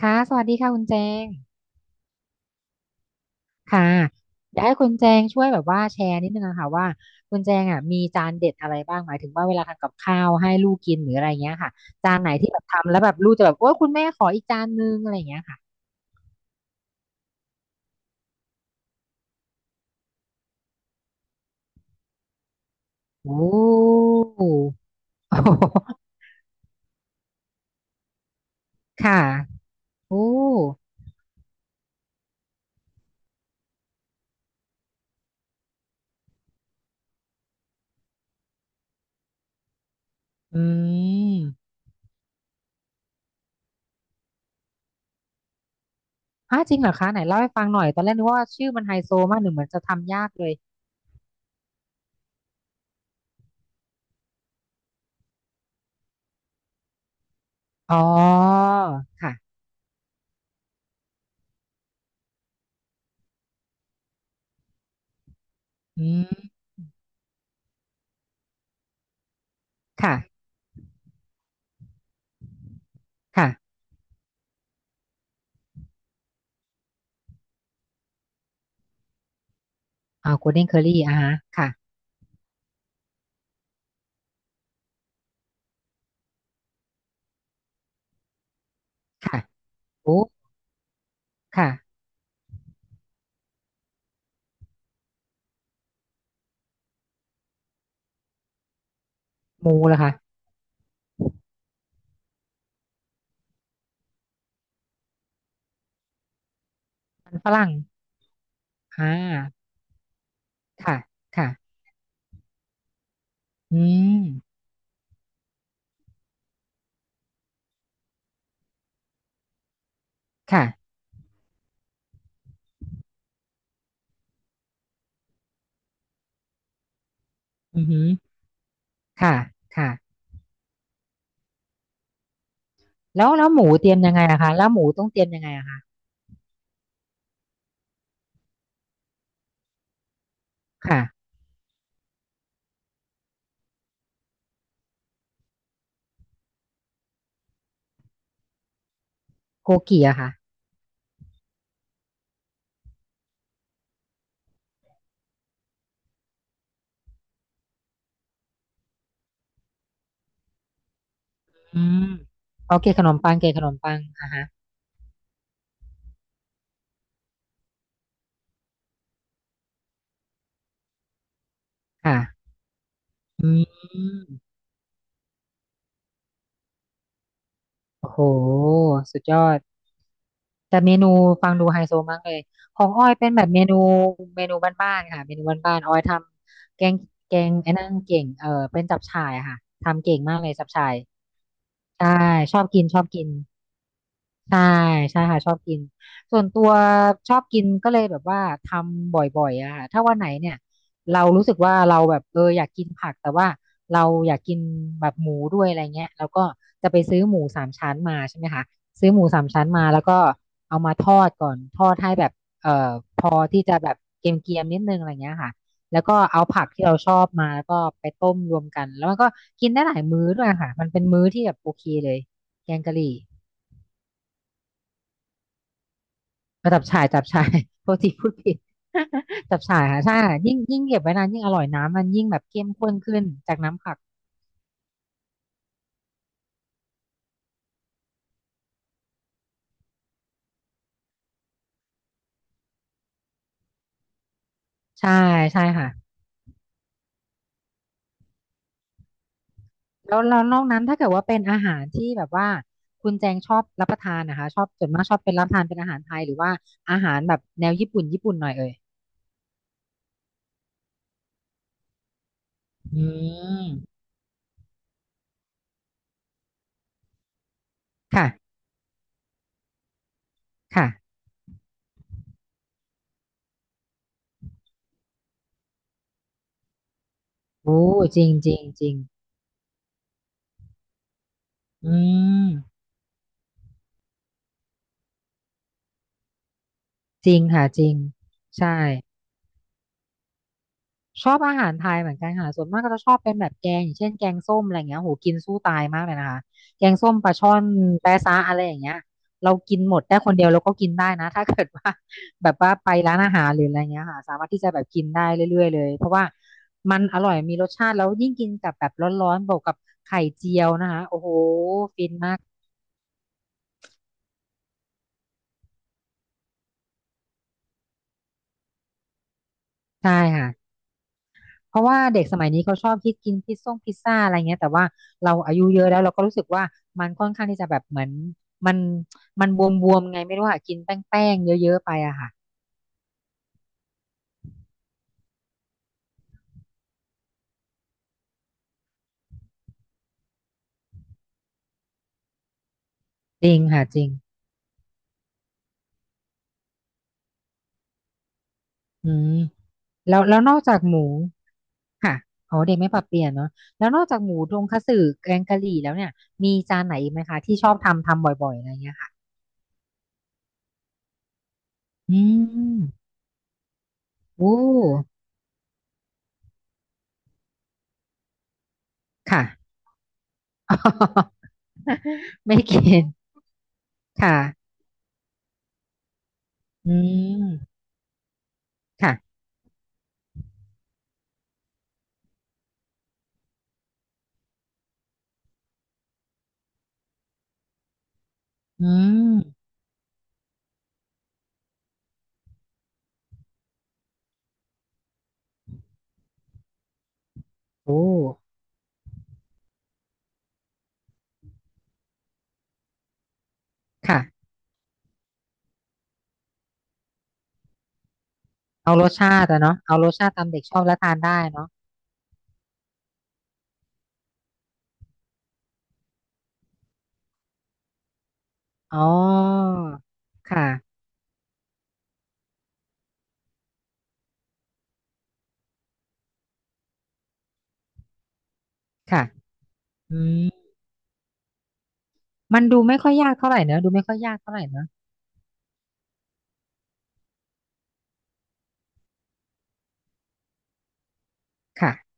ค่ะสวัสดีค่ะคุณแจงค่ะอยากให้คุณแจงช่วยแบบว่าแชร์นิดนึงอะค่ะว่าคุณแจงอ่ะมีจานเด็ดอะไรบ้างหมายถึงว่าเวลาทำกับข้าวให้ลูกกินหรืออะไรเงี้ยค่ะจานไหนที่แบบทำแล้วแบบลูกจะแบบโอ้คุณแม่ขออีกจานนึงอะไรเงี้ยค่ะโอ้ ค่ะโอ้อืมฮะจริงเหรอคะไหนเล่าให้ฟังหน่อยตอนแรกนึกว่าชื่อมันไฮโซมากหนึ่งเหมือนจะทำยากเลยอ๋อค่ะอืมค่ะค่ะอ่าโกลเด้นเคอรี่อ่าฮะค่ะค่ะโอ้ ค่ะมูล่ะคะมันฝรั่งอ่าค่ะค่ะอืมค่ะอือหือค่ะค่ะแล้วแล้วหมูเตรียมยังไงอะคะแล้วหมูต้องเตรียมยังไงอะคะค่ะโกกิอะค่ะอืมโอเคขนมปังเกขนมปังอ่ะฮะค่ะอืมโอ้โหสุดยอดแต่เมนูฟังดูไฮโซมากเลยของอ้อยเป็นแบบเมนูเมนูบ้านๆค่ะเมนูบ้านๆอ้อยทำแกงแกงไอ้นั่นเก่งเออเป็นจับฉ่ายอะค่ะทำเก่งมากเลยจับฉ่าย ใช่ชอบกินชอบกิน ใช่ใช่ค่ะชอบกินส่วนตัวชอบกินก็เลยแบบว่าทำบ่อยๆอะค่ะถ้าวันไหนเนี่ยเรารู้สึกว่าเราแบบเอออยากกินผักแต่ว่าเราอยากกินแบบหมูด้วยอะไรเงี้ยเราก็จะไปซื้อหมูสามชั้นมาใช่ไหมคะซื้อหมูสามชั้นมาแล้วก็เอามาทอดก่อนทอดให้แบบเอ่อพอที่จะแบบเกรียมๆนิดนึงอะไรเงี้ยค่ะแล้วก็เอาผักที่เราชอบมาแล้วก็ไปต้มรวมกันแล้วมันก็กินได้หลายมื้อด้วยค่ะมันเป็นมื้อที่แบบโอเคเลยแกงกะหรี่ เออจับฉ่ายจับฉ่าย โทษทีพูดผิด จับฉ่ายค่ะใช่ค่ะยิ่งยิ่งเก็บไว้นานยิ่งอร่อยน้ำมันยิ่งแบบเข้มข้นขึ้นจากน้ำผักใช่ใช่ค่ะแล้วแล้วนอกนั้นถ้าเกิดว่าเป็นอาหารที่แบบว่าคุณแจงชอบรับประทานนะคะชอบส่วนมากชอบเป็นรับประทานเป็นอาหารไทยหรือว่าอาหารแบบแนวญี่ปุ่นญี่ปุ่นหน่อยเอ่ยอืมค่ะค่ะโอ้จริงจริงจริงอืมจริงค่ะจริงใช่ ชอบอาหารไทยเหมือนกันค่ะส่วนมากก็จะชอบเป็นแบบแกงอย่างเช่นแกงส้มอะไรเงี้ยโหกินสู้ตายมากเลยนะคะแกงส้มปลาช่อนแปะซะอะไรอย่างเงี้ยเรากินหมดได้คนเดียวเราก็กินได้นะ ถ้าเกิดว่า แบบว่าไปร้านอาหารหรืออะไรเงี้ยค่ะสามารถที่จะแบบกินได้เรื่อยๆเลยเพราะว่ามันอร่อยมีรสชาติแล้วยิ่งกินกับแบบร้อนๆบวกกับไข่เจียวนะคะโอ้โหฟินมากใช่ค่ะ เพราะว่าเด็กสมัยนี้เขาชอบคิดกินพิซซ่งพิซซ่าอะไรเงี้ยแต่ว่าเราอายุเยอะแล้วเราก็รู้สึกว่ามันค่อนข้างที่จะแบบเหมือนมันมันบวมๆไงไม่รู้ค่ะกินแป้งๆเยอะๆไปอะค่ะจริงค่ะจริงอืมแล้วแล้วนอกจากหมูค่ะอ๋อเด็กไม่ปรับเปลี่ยนเนาะแล้วนอกจากหมูทงคัตสึแกงกะหรี่แล้วเนี่ยมีจานไหนอีกไหมคะที่ชอบทำทำบ่อยๆอะไรเงี้ยค่ะอืมโอ้ค่ะ ไม่กินค่ะอืมค่ะอืม โอ้ค่ะเอารสชาติอะเนาะเอารสชาติตามเด็กชอบและทานได้เนาะอ๋อค่ะค่ะอืมมันดูไม่ค่อยยากเท่าไหร่เนอะดูไม่ค่อยยากเท่าไหร่เนอะค่ะ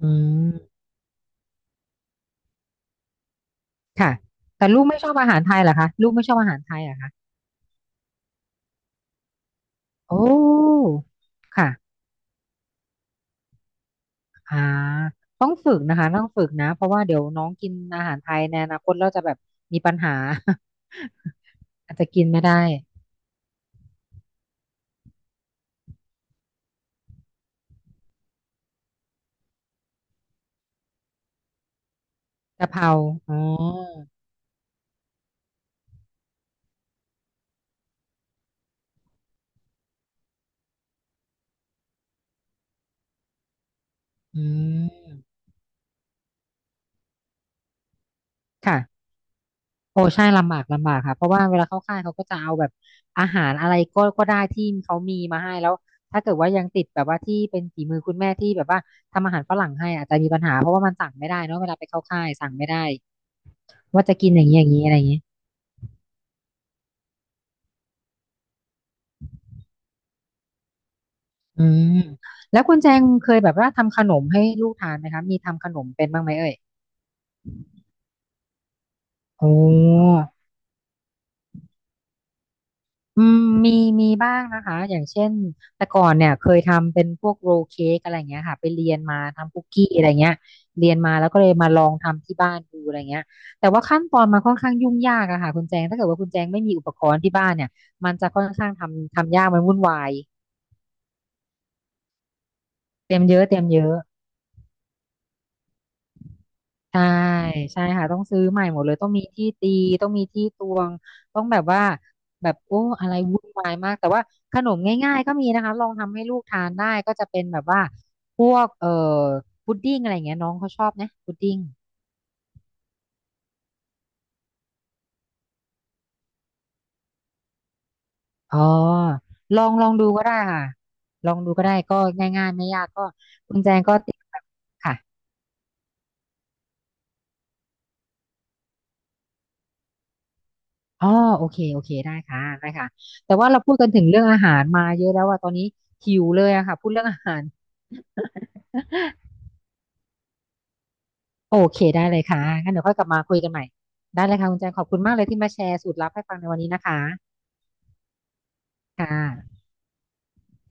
อืมค่ะแต่ลูกไม่ชอบอาหารไทยเหรอคะลูกไม่ชอบอาหารไทยเหรอคะโอ้ค่ะอ่าต้องฝึกนะคะต้องฝึกนะเพราะว่าเดี๋ยวน้องกินอาหารไทยในอนาคตเราจะแบบมีปัญหา อาจจะกินไม่ได้กะเพราอ๋ออืมค่ะ โอ้ใช่ลำบากลำบากค่ะเพราะว่าเวลาเข้าค่ายเขาก็จะเอาแบบอาหารอะไรก็ก็ได้ที่เขามีมาให้แล้วถ้าเกิดว่ายังติดแบบว่าที่เป็นฝีมือคุณแม่ที่แบบว่าฝรั่งให้อาจจะมีปัญหาเพราะว่ามันสั่งไม่ได้เนอะเวลาไปเข้าค่ายสั่งไม่ได้ว่าจะกินอย่างนี้อย่างนี้อะไรอย่างนี้อืมแล้วคุณแจงเคยแบบว่าทำขนมให้ลูกทานไหมคะมีทำขนมเป็นบ้างไหมเอ่ยโอ้ อืมมีมีบ้างนะคะอย่างเช่นแต่ก่อนเนี่ยเคยทำเป็นพวกโรลเค้กอะไรเงี้ยค่ะไปเรียนมาทำคุกกี้อะไรเงี้ยเรียนมาแล้วก็เลยมาลองทำที่บ้านดูอะไรเงี้ยแต่ว่าขั้นตอนมันค่อนข้างยุ่งยากอะค่ะคุณแจงถ้าเกิดว่าคุณแจงไม่มีอุปกรณ์ที่บ้านเนี่ยมันจะค่อนข้างทำทำยากมันวุ่นวายเตรียมเยอะเตรียมเยอะ ใช่ใช่ค่ะต้องซื้อใหม่หมดเลยต้องมีที่ตีต้องมีที่ตวงต้องแบบว่าแบบโอ้อะไรวุ่นวายมากแต่ว่าขนมง่ายๆก็มีนะคะลองทำให้ลูกทานได้ก็จะเป็นแบบว่าพวกพุดดิ้งอะไรอย่างเงี้ยน้องเขาชอบนะพุดดิ้งอ๋อลองลองดูก็ได้ค่ะลองดูก็ได้ก็ง่ายๆไม่ยากก็คุณแจงก็ติดแบบค่ะอ๋อโอเคโอเคได้ค่ะได้ค่ะแต่ว่าเราพูดกันถึงเรื่องอาหารมาเยอะแล้วว่าตอนนี้หิวเลยอะค่ะพูดเรื่องอาหาร โอเคได้เลยค่ะงั้นเดี๋ยวค่อยกลับมาคุยกันใหม่ได้เลยค่ะคุณแจงขอบคุณมากเลยที่มาแชร์สูตรลับให้ฟังในวันนี้นะคะค่ะ